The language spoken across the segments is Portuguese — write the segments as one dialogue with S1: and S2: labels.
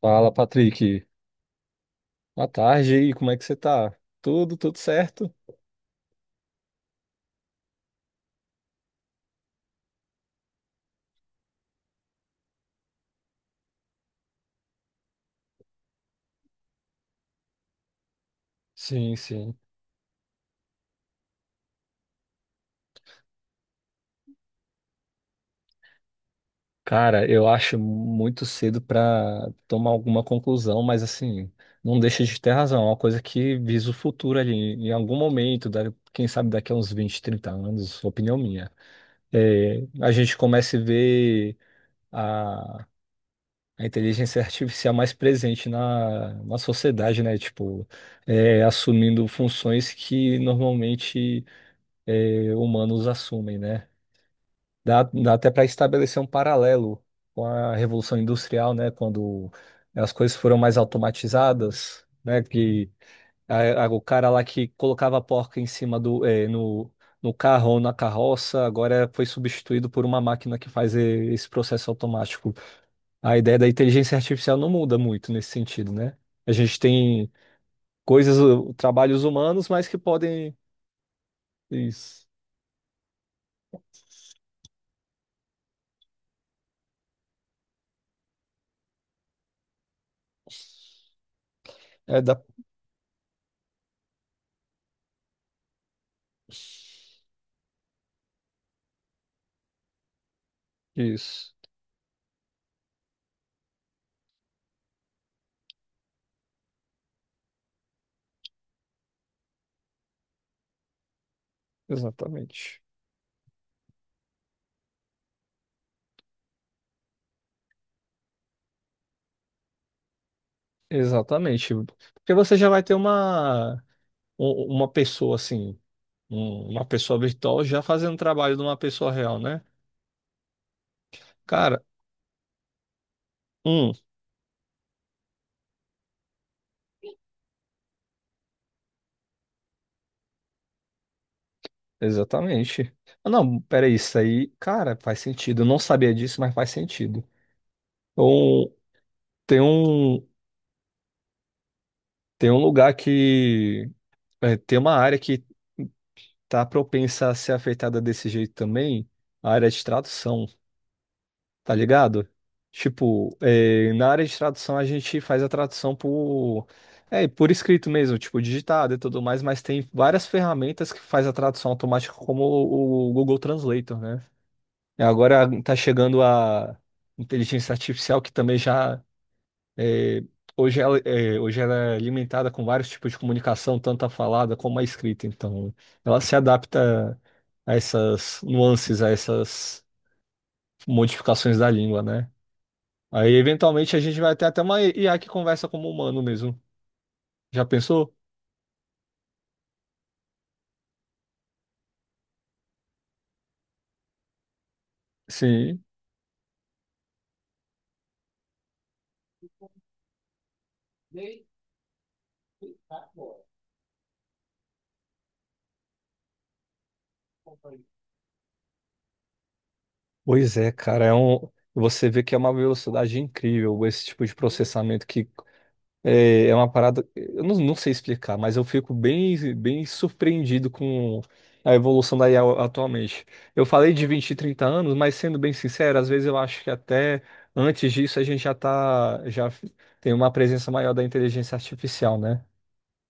S1: Fala, Patrick. Boa tarde aí. Como é que você tá? Tudo certo? Sim, sim. Cara, eu acho muito cedo pra tomar alguma conclusão, mas assim, não deixa de ter razão. É uma coisa que visa o futuro ali, em algum momento, quem sabe daqui a uns 20, 30 anos, opinião minha. É, a gente começa a ver a, a inteligência artificial mais presente na sociedade, né? Tipo, assumindo funções que normalmente. Humanos assumem, né? Dá até para estabelecer um paralelo com a Revolução Industrial, né? Quando as coisas foram mais automatizadas, né? Que o cara lá que colocava a porca em cima do, no carro ou na carroça, agora foi substituído por uma máquina que faz esse processo automático. A ideia da inteligência artificial não muda muito nesse sentido, né? A gente tem coisas, trabalhos humanos, mas que podem... Isso. É da... Isso. Exatamente. Exatamente. Porque você já vai ter uma, uma pessoa assim, uma pessoa virtual já fazendo o trabalho de uma pessoa real, né? Cara, hum, exatamente. Ah, não, peraí, isso aí, cara, faz sentido. Eu não sabia disso, mas faz sentido. Então, tem um, tem um lugar que, tem uma área que tá propensa a ser afetada desse jeito também, a área de tradução. Tá ligado? Tipo, é, na área de tradução a gente faz a tradução por, é, por escrito mesmo, tipo, digitado e tudo mais, mas tem várias ferramentas que faz a tradução automática, como o Google Translator, né? E agora tá chegando a inteligência artificial que também já é, hoje ela, é, hoje ela é alimentada com vários tipos de comunicação, tanto a falada como a escrita. Então, ela se adapta a essas nuances, a essas modificações da língua, né? Aí, eventualmente, a gente vai ter até uma IA que conversa como humano mesmo. Já pensou? Sim. Pois é, cara. É um... Você vê que é uma velocidade incrível esse tipo de processamento que é, é uma parada. Eu não sei explicar, mas eu fico bem surpreendido com a evolução da IA atualmente. Eu falei de 20 e 30 anos, mas sendo bem sincero, às vezes eu acho que até antes disso a gente já tá, já tem uma presença maior da inteligência artificial, né?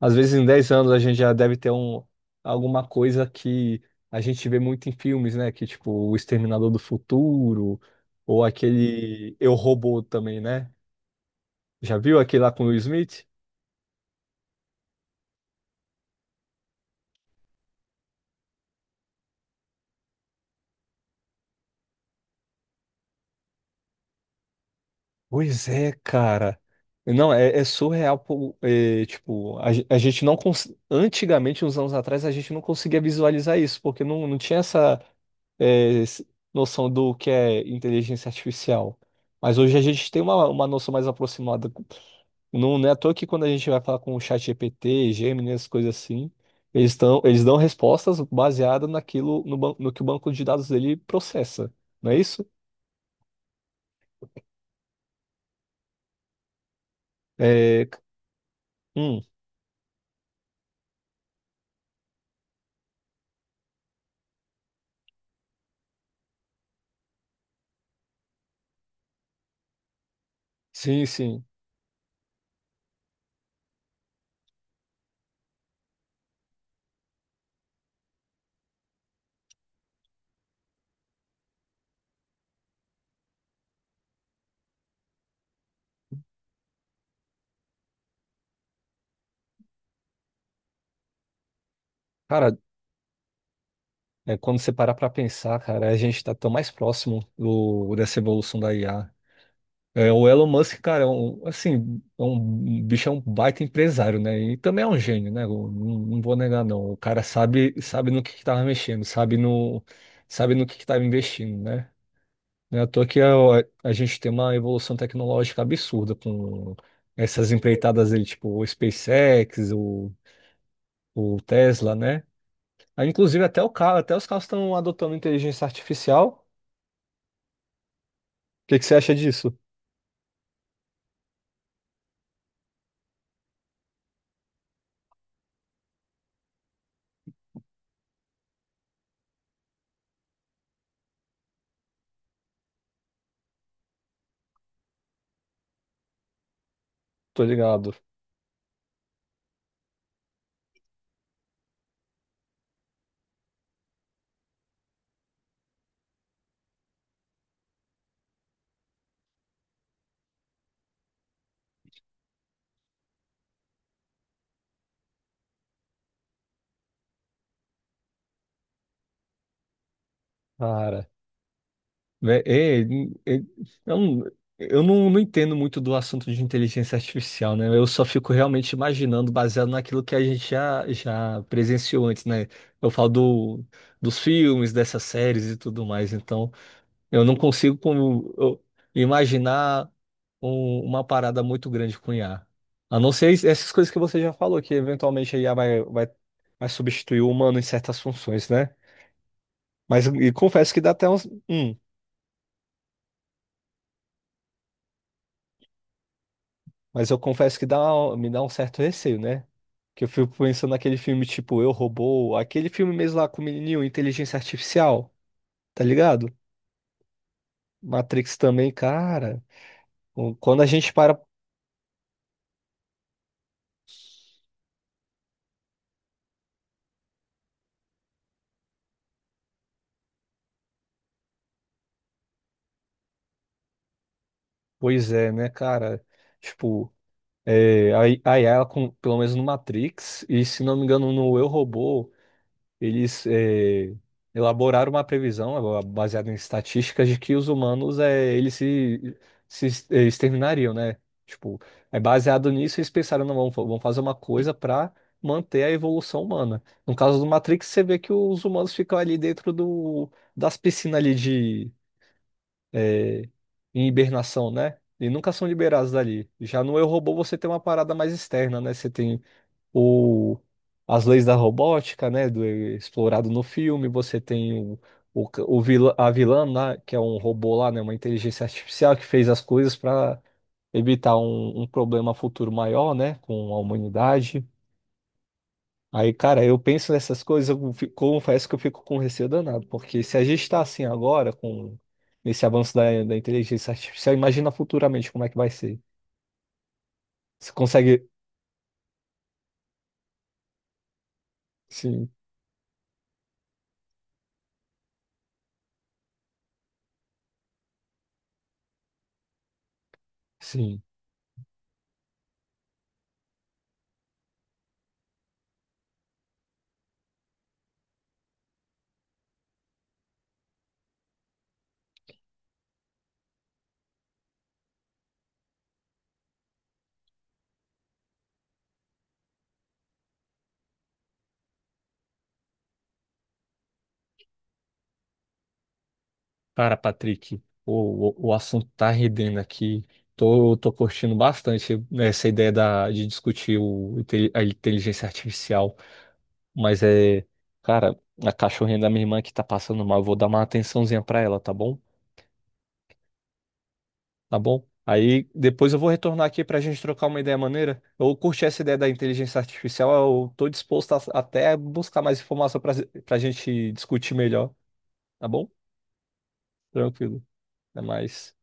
S1: Às vezes em 10 anos a gente já deve ter um, alguma coisa que a gente vê muito em filmes, né? Que tipo O Exterminador do Futuro ou aquele Eu, Robô também, né? Já viu aquele lá com o Will Smith? Pois é, cara. Não, é, é surreal, pô, é, tipo, a, a gente não cons... antigamente, uns anos atrás, a gente não conseguia visualizar isso, porque não tinha essa é, s- noção do que é inteligência artificial. Mas hoje a gente tem uma noção mais aproximada. Não, não é à toa que quando a gente vai falar com o chat GPT, Gemini, essas coisas assim, eles estão, eles dão respostas baseadas naquilo, no que o banco de dados dele processa, não é isso? É, c- hum, sim, sim. Cara, é, quando você parar pra pensar, cara, a gente tá tão mais próximo do, dessa evolução da IA. É, o Elon Musk, cara, é um, assim, é um, um bicho, é um baita empresário, né? E também é um gênio, né? Eu não vou negar, não. O cara sabe, sabe no que tava mexendo, sabe no que tava investindo, né? Não é à toa que a gente tem uma evolução tecnológica absurda com essas empreitadas dele, tipo o SpaceX, o Tesla, né? Aí, inclusive, até o carro, até os carros estão adotando inteligência artificial. O que que você acha disso? Tô ligado. Cara. Né? É, é, eu não, eu não entendo muito do assunto de inteligência artificial, né? Eu só fico realmente imaginando, baseado naquilo que a gente já, já presenciou antes, né? Eu falo do, dos filmes, dessas séries e tudo mais, então eu não consigo como, eu imaginar uma parada muito grande com IA. A não ser essas coisas que você já falou, que eventualmente a IA vai, vai, vai substituir o humano em certas funções, né? Mas e confesso que dá até uns. Hum, mas eu confesso que dá, me dá um certo receio, né? Que eu fico pensando naquele filme tipo Eu, Robô, aquele filme mesmo lá com o menininho, Inteligência Artificial, tá ligado? Matrix também, cara. Quando a gente para. Pois é, né, cara? Tipo, é, a a IA, com- pelo menos no Matrix, e se não me engano no Eu, Robô. Eles elaboraram uma previsão baseada em estatísticas de que os humanos eles se, exterminariam, né? Tipo, é baseado nisso eles pensaram, não, vamos fazer uma coisa para manter a evolução humana. No caso do Matrix, você vê que os humanos ficam ali dentro do, das piscinas ali de eh, em hibernação, né? E nunca são liberados dali. Já no Eu, Robô você tem uma parada mais externa, né? Você tem ou as leis da robótica, né, do explorado no filme, você tem o vilã, a vilã lá, que é um robô lá, né, uma inteligência artificial que fez as coisas para evitar um, um problema futuro maior, né, com a humanidade. Aí, cara, eu penso nessas coisas, eu confesso que eu fico com receio danado, porque se a gente está assim agora, com esse avanço da inteligência artificial, imagina futuramente como é que vai ser. Você consegue, sim, sim. Cara, Patrick, o assunto tá rendendo aqui. Tô curtindo bastante essa ideia da, de discutir o, a inteligência artificial. Mas é, cara, a cachorrinha da minha irmã que tá passando mal, eu vou dar uma atençãozinha pra ela, tá bom? Tá bom? Aí depois eu vou retornar aqui pra gente trocar uma ideia maneira. Eu curti essa ideia da inteligência artificial, eu tô disposto a, até buscar mais informação pra, pra gente discutir melhor, tá bom? Tranquilo, até mais.